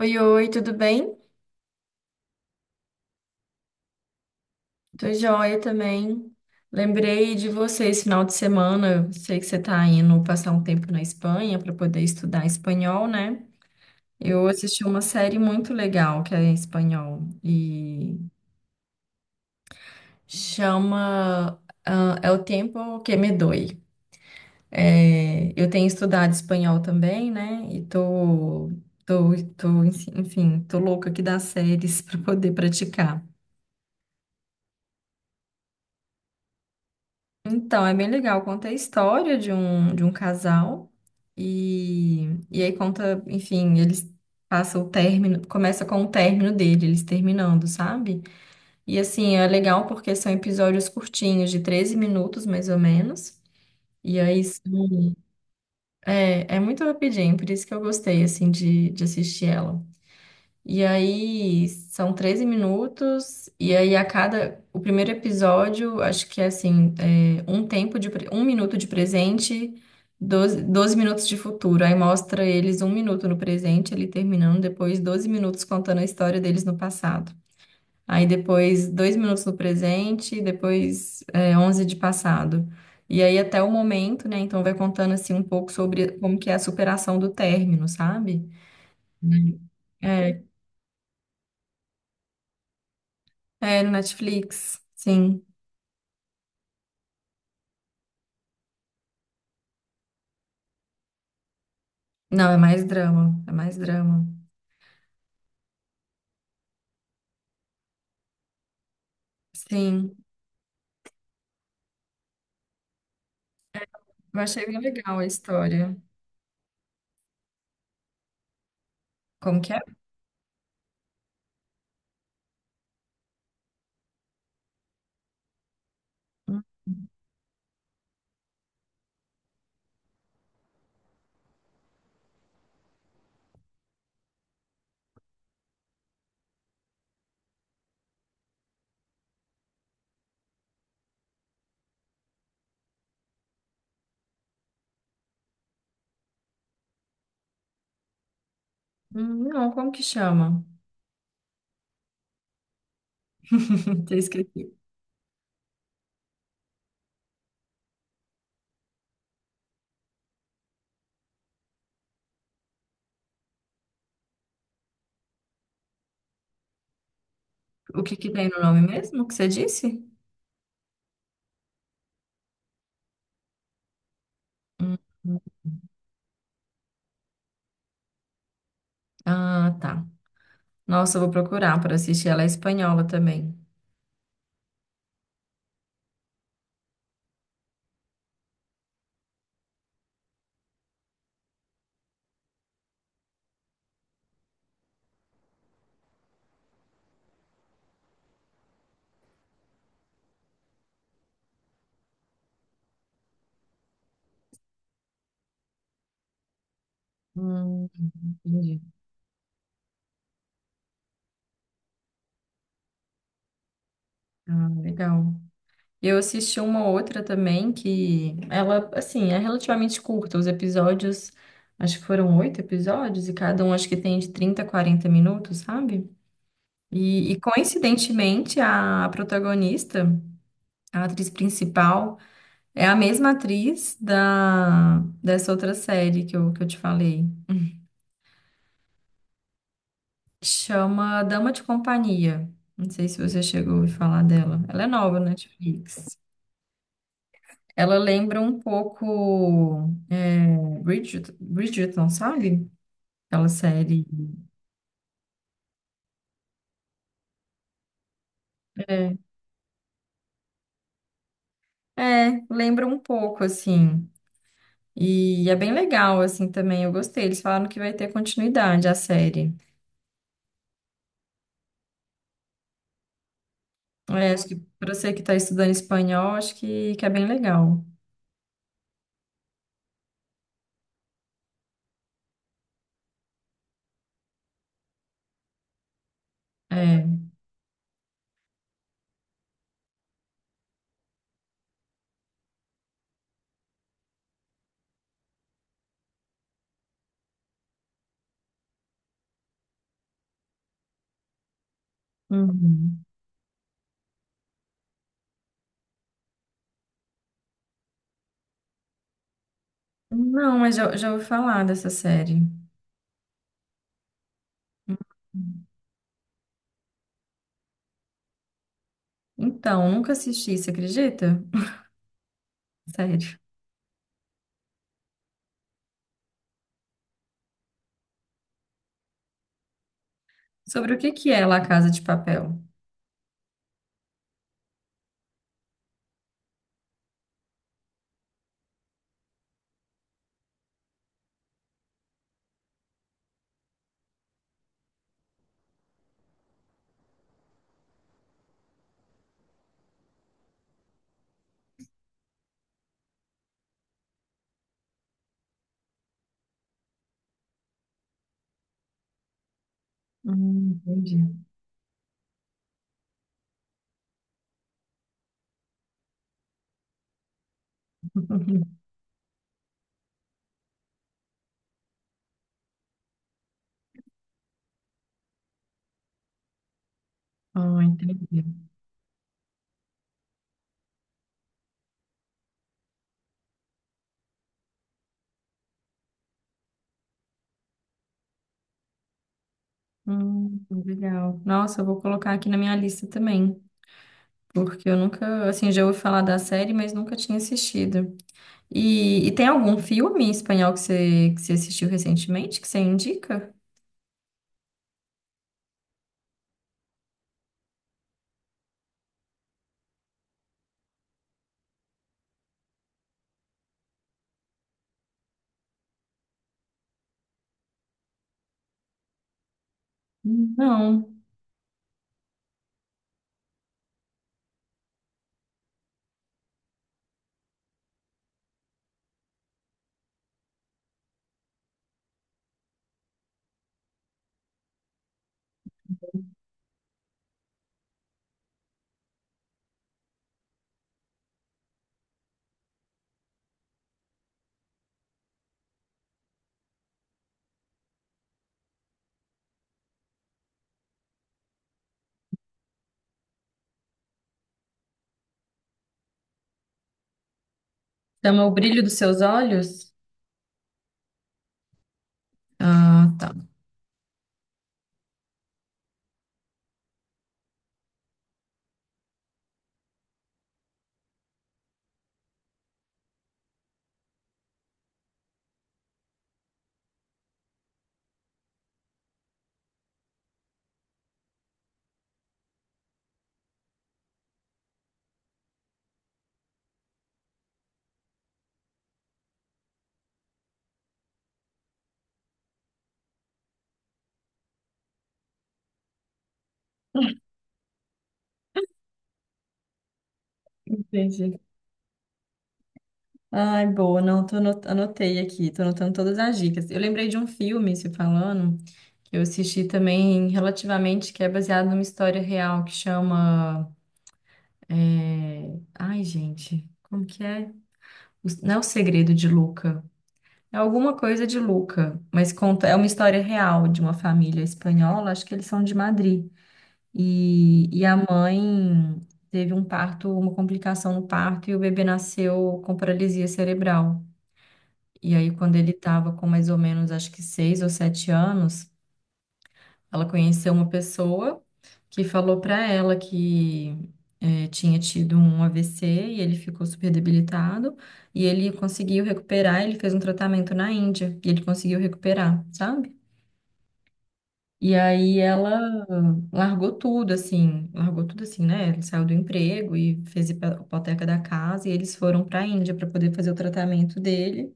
Oi, oi, tudo bem? Tô joia também. Lembrei de você esse final de semana. Eu sei que você tá indo passar um tempo na Espanha para poder estudar espanhol, né? Eu assisti uma série muito legal que é em espanhol e chama É o Tempo que me doi. É, eu tenho estudado espanhol também, né? E tô, tô louca aqui das séries para poder praticar. Então, é bem legal. Conta a história de um casal e aí conta, enfim, eles passam o término, começa com o término dele, eles terminando, sabe? E assim, é legal porque são episódios curtinhos, de 13 minutos mais ou menos. E aí s- É, é muito rapidinho, por isso que eu gostei, assim, de assistir ela. E aí são 13 minutos, e aí a cada. O primeiro episódio, acho que é assim, é, um tempo de um minuto de presente, doze minutos de futuro. Aí mostra eles um minuto no presente, ele terminando, depois 12 minutos contando a história deles no passado. Aí depois dois minutos no presente, depois é, 11 de passado. E aí até o momento, né? Então vai contando assim um pouco sobre como que é a superação do término, sabe? É, é, no Netflix, sim. Não, é mais drama, é mais drama. Sim, eu achei bem legal a história. Como que é? Hum. Não, como que chama? Eu esqueci. O que que tem no nome mesmo que você disse? Hum, hum. Ah, tá. Nossa, eu vou procurar para assistir. Ela é espanhola também. Hum, entendi. Ah, legal. Eu assisti uma outra também que ela, assim, é relativamente curta. Os episódios, acho que foram oito episódios, e cada um acho que tem de 30 a 40 minutos, sabe? E, coincidentemente, a protagonista, a atriz principal, é a mesma atriz dessa outra série que eu te falei. Chama Dama de Companhia. Não sei se você chegou a ouvir falar dela. Ela é nova na Netflix. Ela lembra um pouco é, Bridgerton, sabe? Aquela série. É, é, lembra um pouco, assim. E é bem legal, assim, também. Eu gostei. Eles falaram que vai ter continuidade a série. É, acho que para você que está estudando espanhol, acho que é bem legal. É. Uhum. Não, mas já, já ouvi falar dessa série. Então, nunca assisti, você acredita? Sério. Sobre o que que é La Casa de Papel? Entendi. Uhum. Ah, entendi. Legal. Nossa, eu vou colocar aqui na minha lista também, porque eu nunca, assim, já ouvi falar da série, mas nunca tinha assistido. E tem algum filme em espanhol que você assistiu recentemente que você indica? Não. Chama O Brilho dos Seus Olhos? Ah, tá. Entendi. Ai, boa, não, anotei aqui, tô anotando todas as dicas. Eu lembrei de um filme, se falando, que eu assisti também relativamente, que é baseado numa história real, que chama ai, gente, como que é? Não é o segredo de Luca. É alguma coisa de Luca, mas conta, é uma história real de uma família espanhola, acho que eles são de Madrid. E a mãe teve um parto, uma complicação no parto, e o bebê nasceu com paralisia cerebral. E aí, quando ele estava com mais ou menos, acho que seis ou sete anos, ela conheceu uma pessoa que falou para ela que tinha tido um AVC e ele ficou super debilitado e ele conseguiu recuperar. Ele fez um tratamento na Índia e ele conseguiu recuperar, sabe? E aí ela largou tudo assim, né? Ele saiu do emprego e fez hipoteca da casa e eles foram para a Índia para poder fazer o tratamento dele.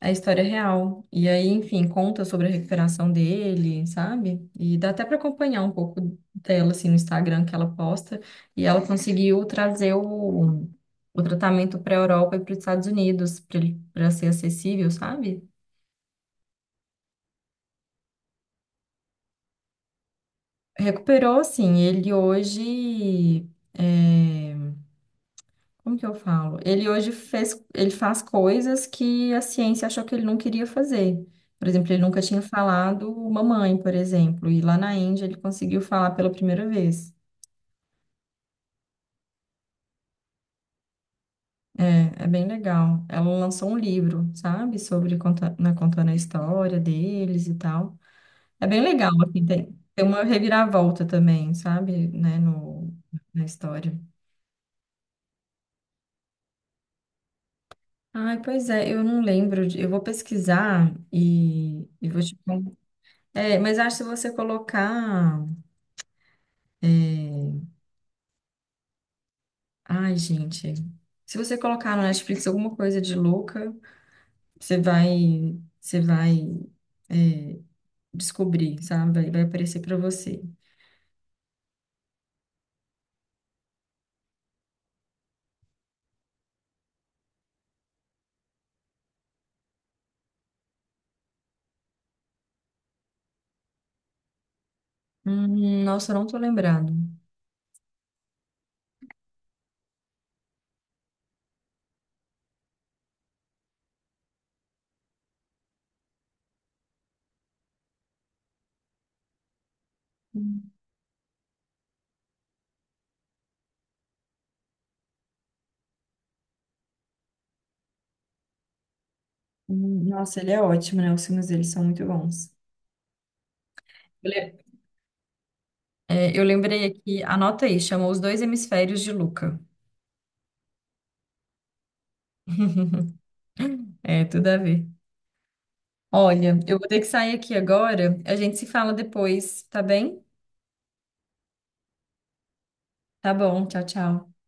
A história real. E aí, enfim, conta sobre a recuperação dele, sabe? E dá até para acompanhar um pouco dela, assim, no Instagram que ela posta. E ela conseguiu trazer o tratamento para a Europa e para os Estados Unidos, para ele, para ser acessível, sabe? Recuperou, assim, ele hoje. É, como que eu falo? Ele hoje fez, ele faz coisas que a ciência achou que ele não queria fazer. Por exemplo, ele nunca tinha falado mamãe, por exemplo, e lá na Índia ele conseguiu falar pela primeira vez. É, é bem legal. Ela lançou um livro, sabe, sobre conta, né, contando a história deles e tal. É bem legal, assim, tem uma reviravolta também, sabe, né, no, na história. Ai, pois é, eu não lembro. Eu vou pesquisar e vou te contar. É, mas acho que se você colocar. Ai, gente. Se você colocar no Netflix alguma coisa de louca, você vai descobrir, sabe? Vai aparecer pra você. Nossa, eu não tô lembrado. Hum, hum. Nossa, ele é ótimo, né? Os filmes dele são muito bons. Eu le- É, eu lembrei aqui, anota aí, chamou Os Dois Hemisférios de Luca. É, tudo a ver. Olha, eu vou ter que sair aqui agora, a gente se fala depois, tá bem? Tá bom, tchau, tchau.